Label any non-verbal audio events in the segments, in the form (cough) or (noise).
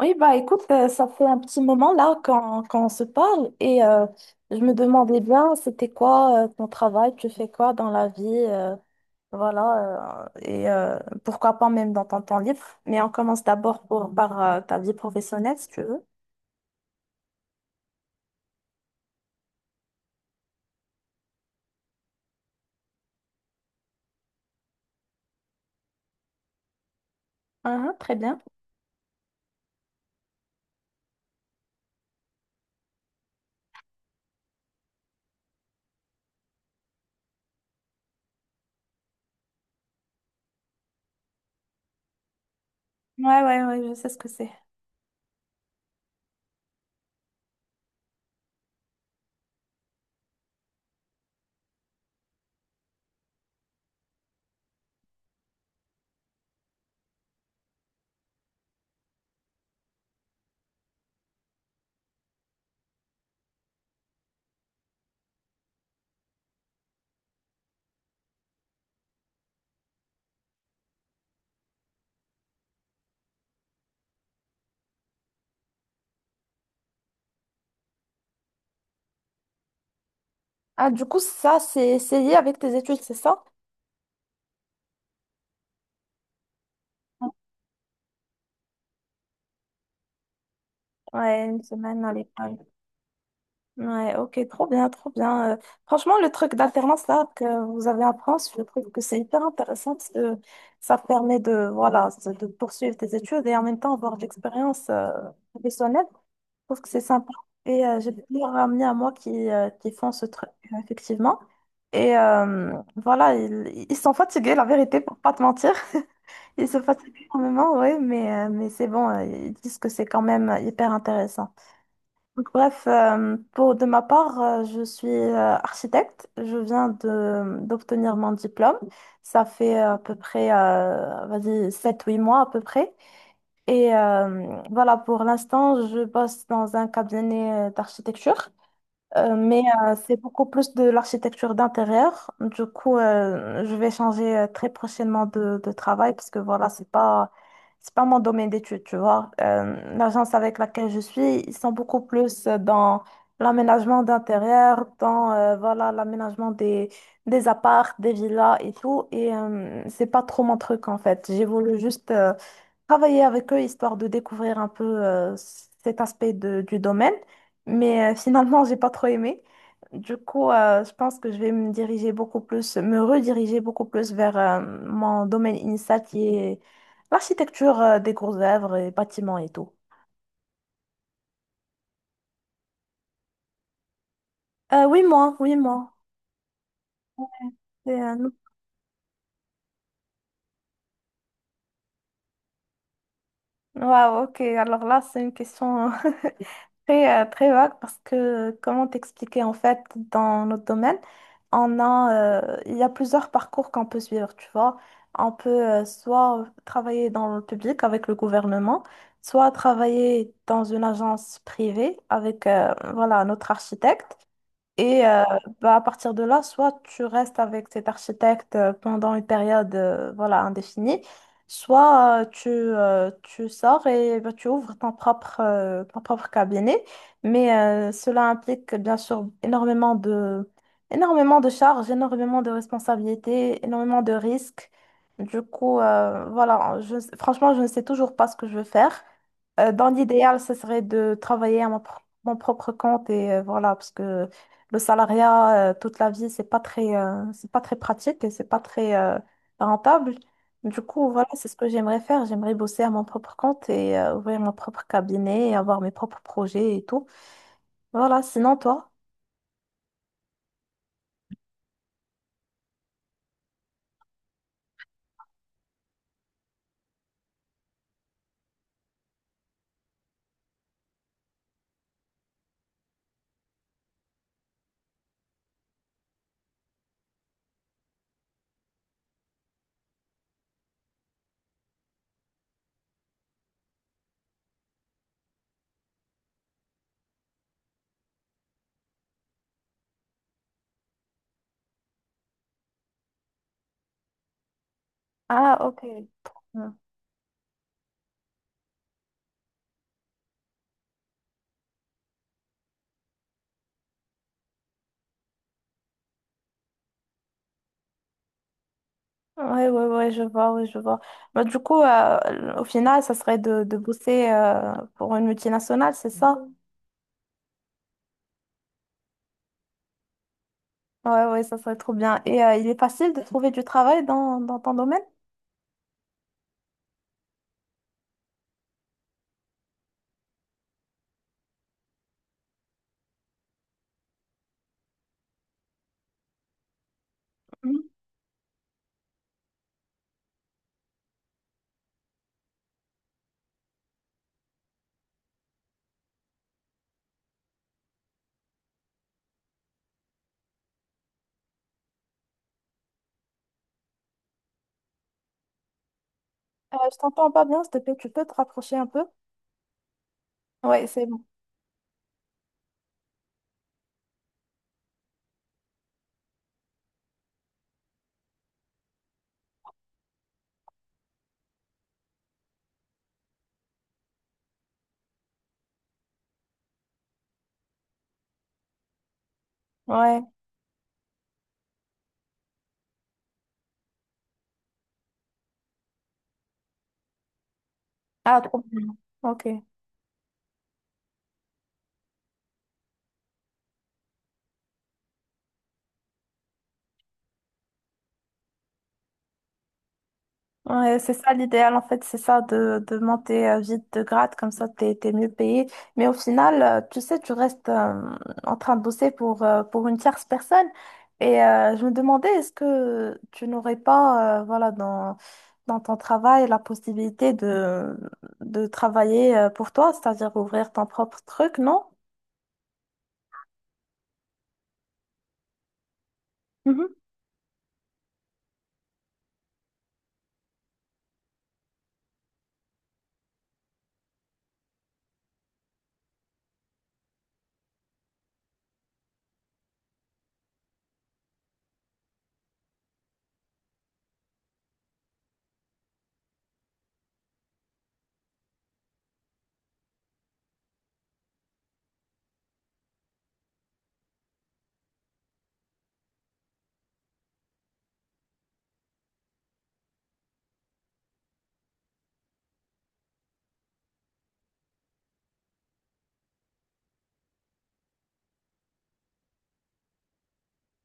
Oui, bah écoute, ça fait un petit moment là qu'on se parle et je me demandais bien c'était quoi ton travail, tu fais quoi dans la vie, voilà, pourquoi pas même dans ton temps libre. Mais on commence d'abord par ta vie professionnelle si tu veux. Ah, très bien. Ouais, ouais, ouais, je sais ce que c'est. Ah, du coup, ça, c'est lié avec tes études, c'est ça? Ouais, une semaine à l'école. Ouais, ok, trop bien, trop bien. Franchement, le truc d'alternance là que vous avez en France, je trouve que c'est hyper intéressant parce que ça te permet de, voilà, de poursuivre tes études et en même temps avoir de l'expérience professionnelle. Je trouve que c'est sympa. Et j'ai plusieurs amis à moi qui qui font ce truc, effectivement. Voilà, ils sont fatigués, la vérité, pour pas te mentir. (laughs) Ils se fatiguent énormément, oui, mais c'est bon, ils disent que c'est quand même hyper intéressant. Donc, bref, pour de ma part, je suis architecte. Je viens de d'obtenir mon diplôme. Ça fait à peu près, sept-huit mois à peu près. Et voilà, pour l'instant, je bosse dans un cabinet d'architecture. Mais c'est beaucoup plus de l'architecture d'intérieur. Du coup, je vais changer très prochainement de travail parce que voilà, c'est pas mon domaine d'études, tu vois. L'agence avec laquelle je suis, ils sont beaucoup plus dans l'aménagement d'intérieur, dans voilà, l'aménagement des apparts, des villas et tout. Et c'est pas trop mon truc en fait. J'ai voulu juste travailler avec eux histoire de découvrir un peu cet du domaine. Mais finalement, (laughs) j'ai pas trop aimé. Du coup, je pense que je vais me diriger beaucoup plus, me rediriger beaucoup plus vers mon domaine initial qui est l'architecture des grosses œuvres et bâtiments et tout. Oui, moi, oui, moi. C'est un- Waouh, ok. Alors là, c'est une question très, très vague parce que, comment t'expliquer, en fait, dans notre domaine, il y a plusieurs parcours qu'on peut suivre, tu vois. On peut soit travailler dans le public avec le gouvernement, soit travailler dans une agence privée avec, voilà, notre architecte. Et bah, à partir de là, soit tu restes avec cet architecte pendant une période voilà, indéfinie, soit tu sors et bah, tu ouvres ton propre cabinet. Mais cela implique bien sûr énormément de charges, énormément de responsabilités, énormément de risques. Du coup, voilà, je, franchement, je ne sais toujours pas ce que je veux faire. Dans l'idéal, ce serait de travailler à mon propre compte et voilà, parce que le salariat, toute la vie, c'est pas très pratique et c'est pas très, rentable. Du coup, voilà, c'est ce que j'aimerais faire. J'aimerais bosser à mon propre compte et ouvrir mon propre cabinet et avoir mes propres projets et tout. Voilà, sinon toi? Ah, ok. Hmm. Ouais, ouais, ouais, je vois, ouais, je vois. Bah, du coup, au final, ça serait de bosser pour une multinationale, c'est ça? Mhm. Ouais, ouais, ça serait trop bien. Et il est facile de trouver du travail dans ton domaine? Je t'entends pas bien, s'il te plaît, tu peux te rapprocher un peu? Ouais, c'est bon. Ouais. Ah, trop bien. Ok. Ouais, c'est ça l'idéal, en fait, c'est ça de monter vite de grade, comme ça t'es mieux payé. Mais au final, tu sais, tu restes en train de bosser pour une tierce personne. Et je me demandais, est-ce que tu n'aurais pas, voilà, dans ton travail, la possibilité de travailler pour toi, c'est-à-dire ouvrir ton propre truc, non?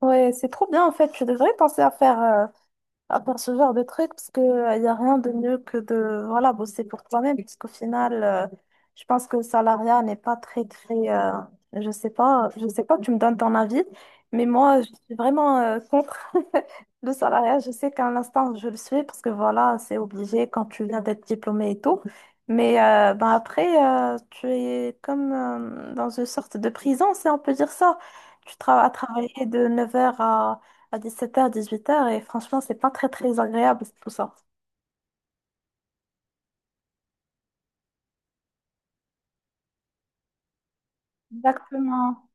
Ouais, c'est trop bien en fait. Tu devrais penser à faire ce genre de trucs parce que il n'y a rien de mieux que de voilà bosser pour toi-même parce qu'au final je pense que le salariat n'est pas très très je sais pas, tu me donnes ton avis, mais moi je suis vraiment contre (laughs) le salariat. Je sais qu'à l'instant je le suis parce que voilà c'est obligé quand tu viens d'être diplômé et tout, mais ben après tu es comme dans une sorte de prison, si on peut dire ça. Tu travailles à travailler de 9h à 17h, 18h, et franchement, c'est pas très, très agréable, tout ça. Exactement.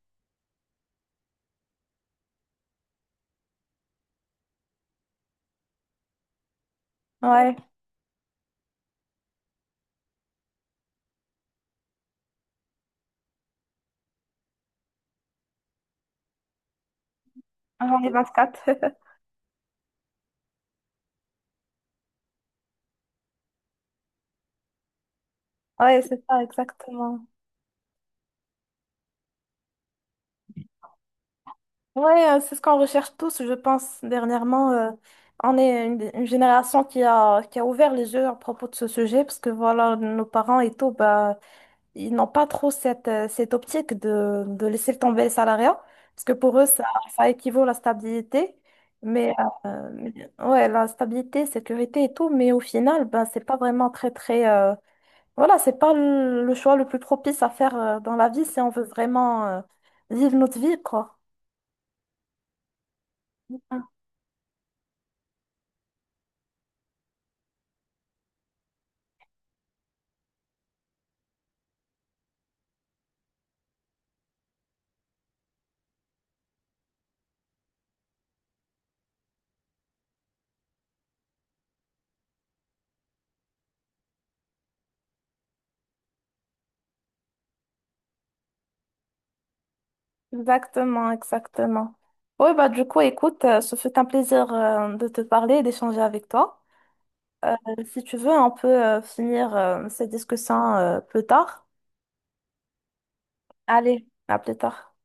Ouais. J'en ai 24. (laughs) Ouais, c'est ça, exactement. Ouais, c'est ce qu'on recherche tous, je pense, dernièrement. Euh, on est une génération qui a ouvert les yeux à propos de ce sujet, parce que voilà, nos parents et tout, bah, ils n'ont pas trop cette, cette optique de laisser tomber le salariat, parce que pour eux, ça équivaut à la stabilité. Mais mais ouais, la stabilité, sécurité et tout, mais au final, ben, c'est pas vraiment très, très. Voilà, c'est pas le choix le plus propice à faire dans la vie, si on veut vraiment vivre notre vie, quoi. Mm. Exactement, exactement. Oui, bah, du coup, écoute, ce fut un plaisir de te parler et d'échanger avec toi. Euh, si tu veux, on peut finir cette discussion plus tard. Allez, à plus tard.